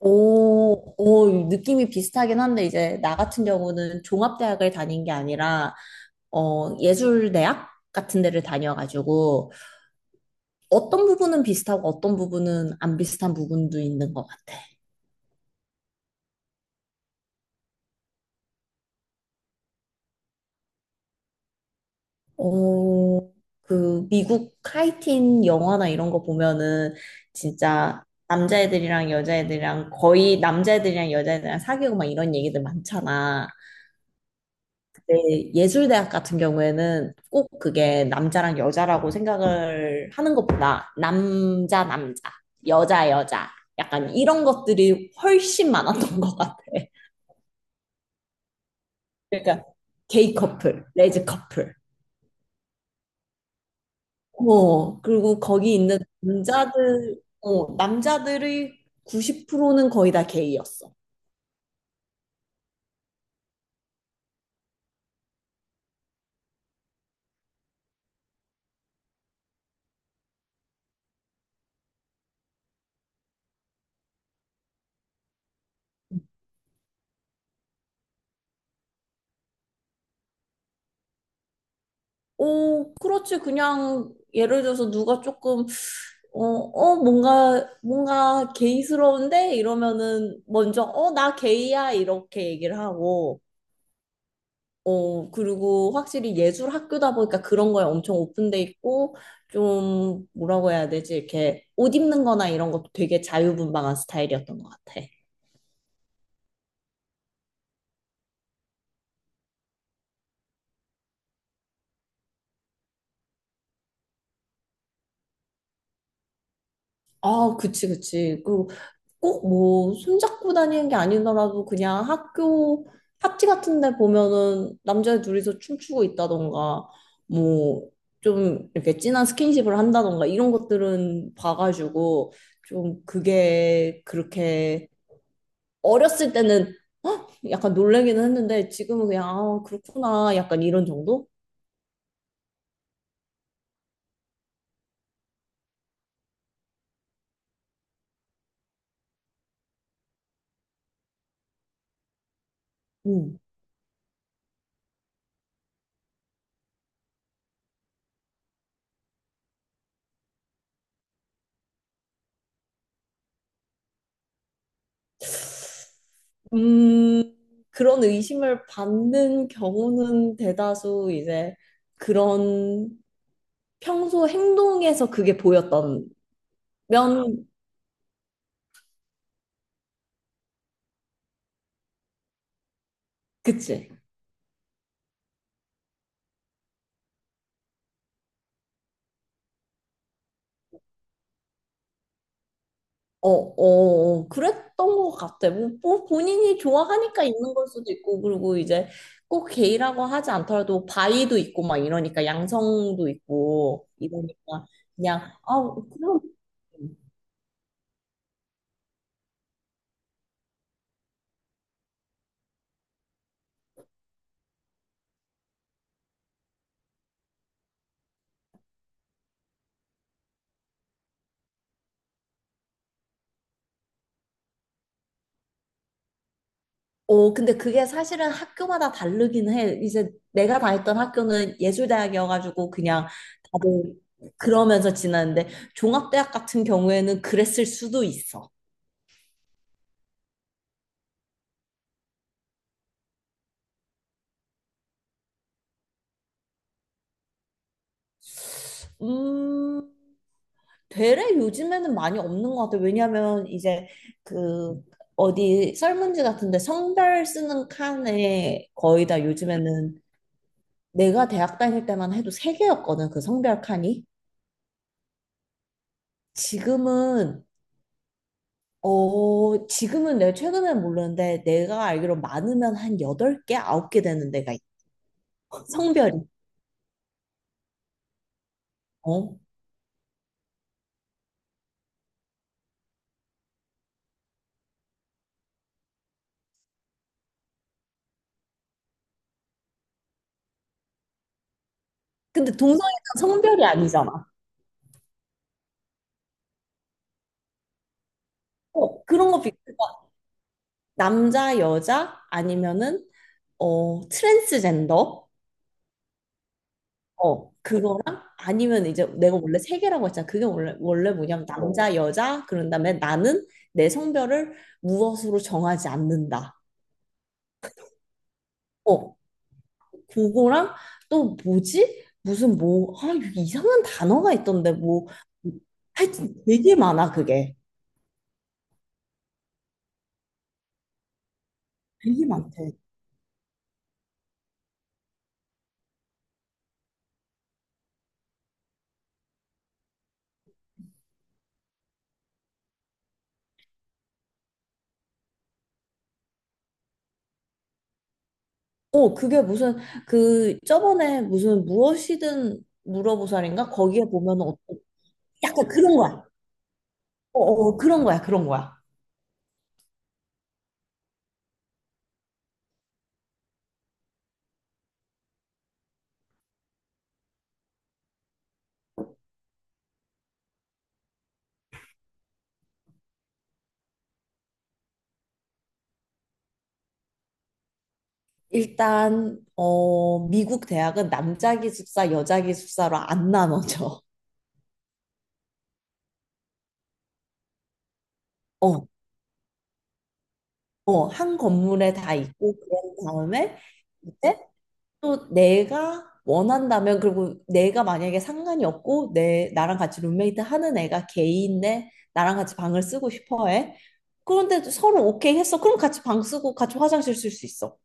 오, 느낌이 비슷하긴 한데, 이제, 나 같은 경우는 종합대학을 다닌 게 아니라, 예술대학 같은 데를 다녀가지고, 어떤 부분은 비슷하고 어떤 부분은 안 비슷한 부분도 있는 것 같아. 어, 그, 미국 카이팅 영화나 이런 거 보면은, 진짜, 거의 남자애들이랑 여자애들이랑 사귀고 막 이런 얘기들 많잖아. 네, 예술대학 같은 경우에는 꼭 그게 남자랑 여자라고 생각을 하는 것보다 남자, 남자, 여자, 여자, 약간 이런 것들이 훨씬 많았던 것 같아. 그러니까 게이 커플, 레즈 커플. 그리고 거기 있는 남자들의 90%는 거의 다 게이였어. 오, 그렇지. 그냥 예를 들어서 누가 조금 뭔가 게이스러운데 이러면은 먼저 나 게이야 이렇게 얘기를 하고 그리고 확실히 예술 학교다 보니까 그런 거에 엄청 오픈돼 있고 좀 뭐라고 해야 되지? 이렇게 옷 입는 거나 이런 것도 되게 자유분방한 스타일이었던 것 같아. 아, 그치, 그치. 그, 꼭 뭐, 손잡고 다니는 게 아니더라도 그냥 학교 파티 같은 데 보면은 남자 둘이서 춤추고 있다던가, 뭐, 좀 이렇게 진한 스킨십을 한다던가, 이런 것들은 봐가지고, 좀 그게 그렇게 어렸을 때는 헉! 약간 놀래기는 했는데, 지금은 그냥, 아, 그렇구나. 약간 이런 정도? 음. 음, 그런 의심을 받는 경우는 대다수 이제 그런 평소 행동에서 그게 보였던 면, 그치? 어, 어, 어, 그랬던 것 같아. 뭐 본인이 좋아하니까 있는 걸 수도 있고, 그리고 이제 꼭 게이라고 하지 않더라도 바이도 있고 막 이러니까 양성도 있고 이러니까 그냥 아, 그럼. 근데 그게 사실은 학교마다 다르긴 해. 이제 내가 다녔던 학교는 예술대학이어가지고 그냥 다들 그러면서 지났는데 종합대학 같은 경우에는 그랬을 수도 있어. 음, 되레 요즘에는 많이 없는 것 같아. 왜냐면 이제 그 어디 설문지 같은데 성별 쓰는 칸에 거의 다 요즘에는 내가 대학 다닐 때만 해도 세 개였거든. 그 성별 칸이. 지금은 지금은 내가 최근엔 모르는데 내가 알기로 많으면 한 8개, 9개 되는 데가 있어. 성별이. 어. 근데 동성애는 성별이 아니잖아. 어, 그런 거 비슷해. 남자, 여자 아니면은 트랜스젠더. 그거랑 아니면 이제 내가 원래 세 개라고 했잖아. 그게 원래 뭐냐면 남자, 여자 그런 다음에 나는 내 성별을 무엇으로 정하지 않는다. 어, 그거랑 또 뭐지? 무슨 뭐, 아, 이게 이상한 단어가 있던데, 뭐. 하여튼 되게 많아, 그게. 되게 많대. 그게 무슨, 그, 저번에 무슨 무엇이든 물어보살인가? 거기에 보면 은 약간 그런 거야. 어, 어, 그런 거야, 그런 거야. 일단, 미국 대학은 남자 기숙사, 여자 기숙사로 안 나눠져. 어, 한 건물에 다 있고, 그런 다음에, 또 내가 원한다면 그리고 내가 만약에 상관이 없고 내 나랑 같이 룸메이트 하는 애가 게이인데 나랑 같이 방을 쓰고 싶어 해. 그런데 서로 오케이 했어. 그럼 같이 방 쓰고 같이 화장실 쓸 수 있어.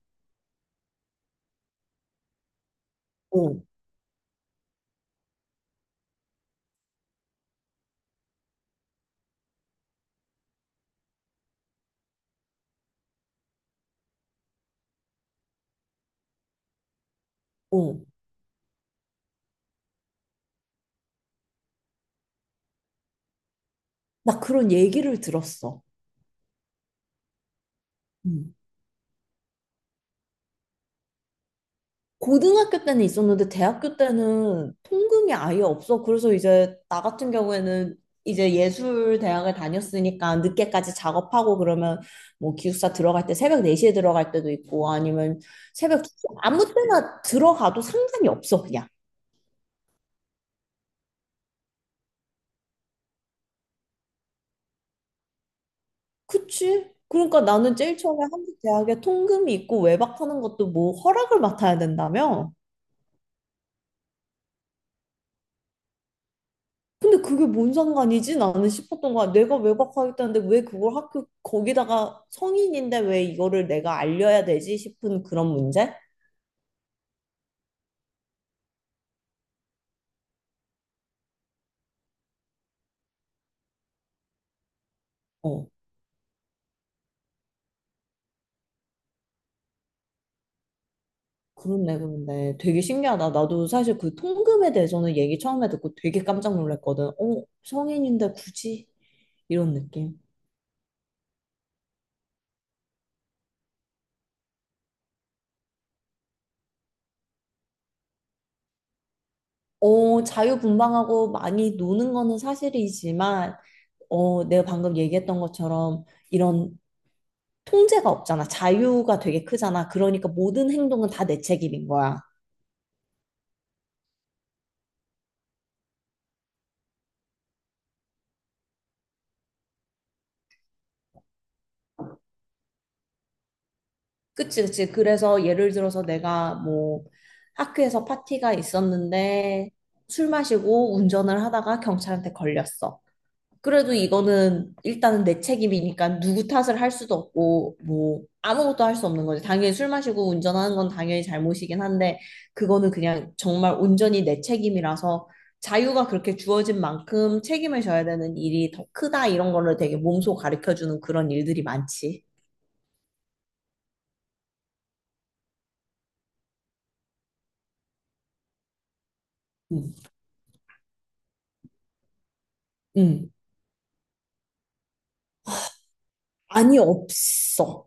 어, 어. 나 그런 얘기를 들었어. 고등학교 때는 있었는데 대학교 때는 통금이 아예 없어. 그래서 이제 나 같은 경우에는 이제 예술 대학을 다녔으니까 늦게까지 작업하고 그러면 뭐 기숙사 들어갈 때 새벽 4시에 들어갈 때도 있고 아니면 새벽 두 시 아무 때나 들어가도 상관이 없어 그냥. 그치? 그러니까 나는 제일 처음에 한국 대학에 통금이 있고 외박하는 것도 뭐 허락을 맡아야 된다며? 근데 그게 뭔 상관이지? 나는 싶었던 거야. 내가 외박하겠다는데 왜 그걸 학교 거기다가 성인인데 왜 이거를 내가 알려야 되지 싶은 그런 문제? 어, 그렇네, 그런데 되게 신기하다. 나도 사실 그 통금에 대해서는 얘기 처음에 듣고 되게 깜짝 놀랐거든. 성인인데 굳이 이런 느낌. 자유분방하고 많이 노는 거는 사실이지만, 내가 방금 얘기했던 것처럼 이런 통제가 없잖아. 자유가 되게 크잖아. 그러니까 모든 행동은 다 내 책임인 거야. 그치, 그치. 그래서 예를 들어서 내가 뭐 학교에서 파티가 있었는데 술 마시고 운전을 하다가 경찰한테 걸렸어. 그래도 이거는 일단은 내 책임이니까 누구 탓을 할 수도 없고 뭐 아무것도 할 수 없는 거지. 당연히 술 마시고 운전하는 건 당연히 잘못이긴 한데 그거는 그냥 정말 온전히 내 책임이라서 자유가 그렇게 주어진 만큼 책임을 져야 되는 일이 더 크다 이런 거를 되게 몸소 가르쳐 주는 그런 일들이 많지. 음. 음. 아니 없어.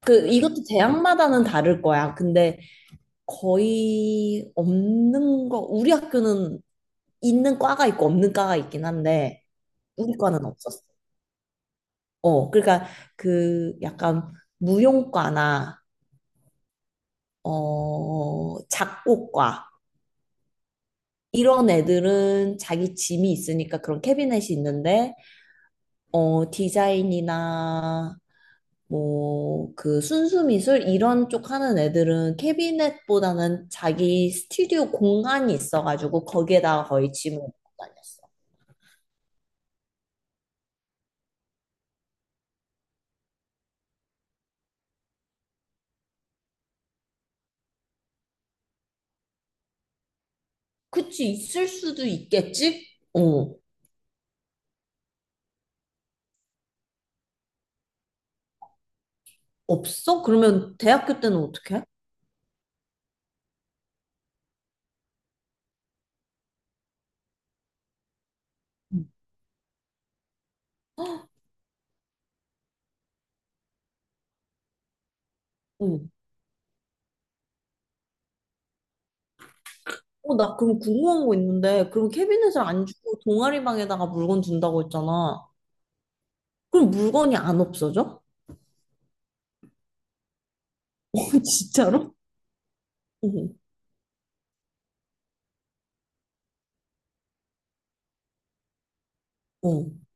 그 이것도 대학마다는 다를 거야. 근데 거의 없는 거, 우리 학교는 있는 과가 있고 없는 과가 있긴 한데, 우리 과는 없었어. 그러니까 그 약간 무용과나, 작곡과, 이런 애들은 자기 짐이 있으니까 그런 캐비넷이 있는데, 디자인이나, 뭐, 그 순수 미술 이런 쪽 하는 애들은 캐비넷보다는 자기 스튜디오 공간이 있어가지고 거기에다가 거의 짐을 넣고 다녔어. 그치, 있을 수도 있겠지? 어, 없어? 그러면 대학교 때는 어떻게? 음. 어, 어, 나 그럼 궁금한 거 있는데, 그럼 캐비넷을 안 주고 동아리 방에다가 물건 둔다고 했잖아. 그럼 물건이 안 없어져? 어, 진짜로? 어, 어, 응,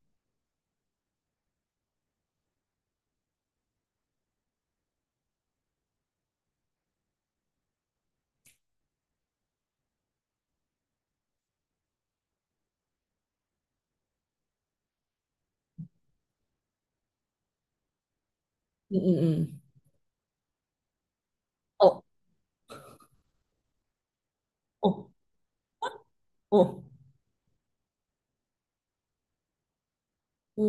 응, 응. 어, 어, 어. 어,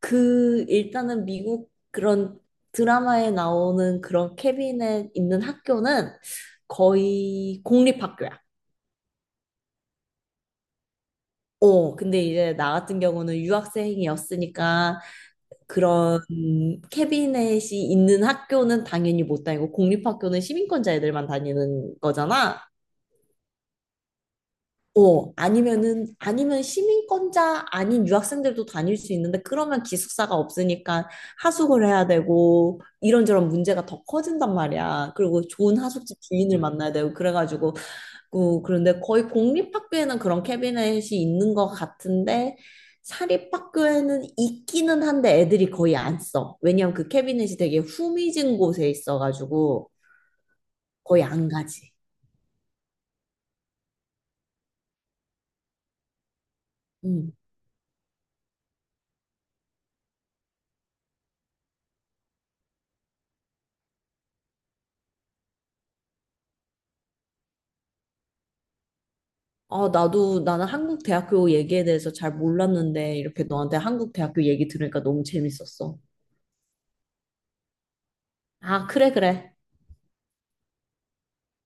그, 일단은 미국 그런 드라마에 나오는 그런 캐비넷 있는 학교는 거의 공립학교야. 근데 이제 나 같은 경우는 유학생이었으니까 그런 캐비넷이 있는 학교는 당연히 못 다니고 공립학교는 시민권자 애들만 다니는 거잖아. 아니면 시민권자 아닌 유학생들도 다닐 수 있는데 그러면 기숙사가 없으니까 하숙을 해야 되고 이런저런 문제가 더 커진단 말이야. 그리고 좋은 하숙집 주인을 만나야 되고 그래가지고 고 그런데 거의 공립학교에는 그런 캐비넷이 있는 것 같은데 사립학교에는 있기는 한데 애들이 거의 안 써. 왜냐면 그 캐비넷이 되게 후미진 곳에 있어가지고 거의 안 가지. 음. 아, 나도 나는 한국 대학교 얘기에 대해서 잘 몰랐는데 이렇게 너한테 한국 대학교 얘기 들으니까 너무 재밌었어. 아, 그래, 그래.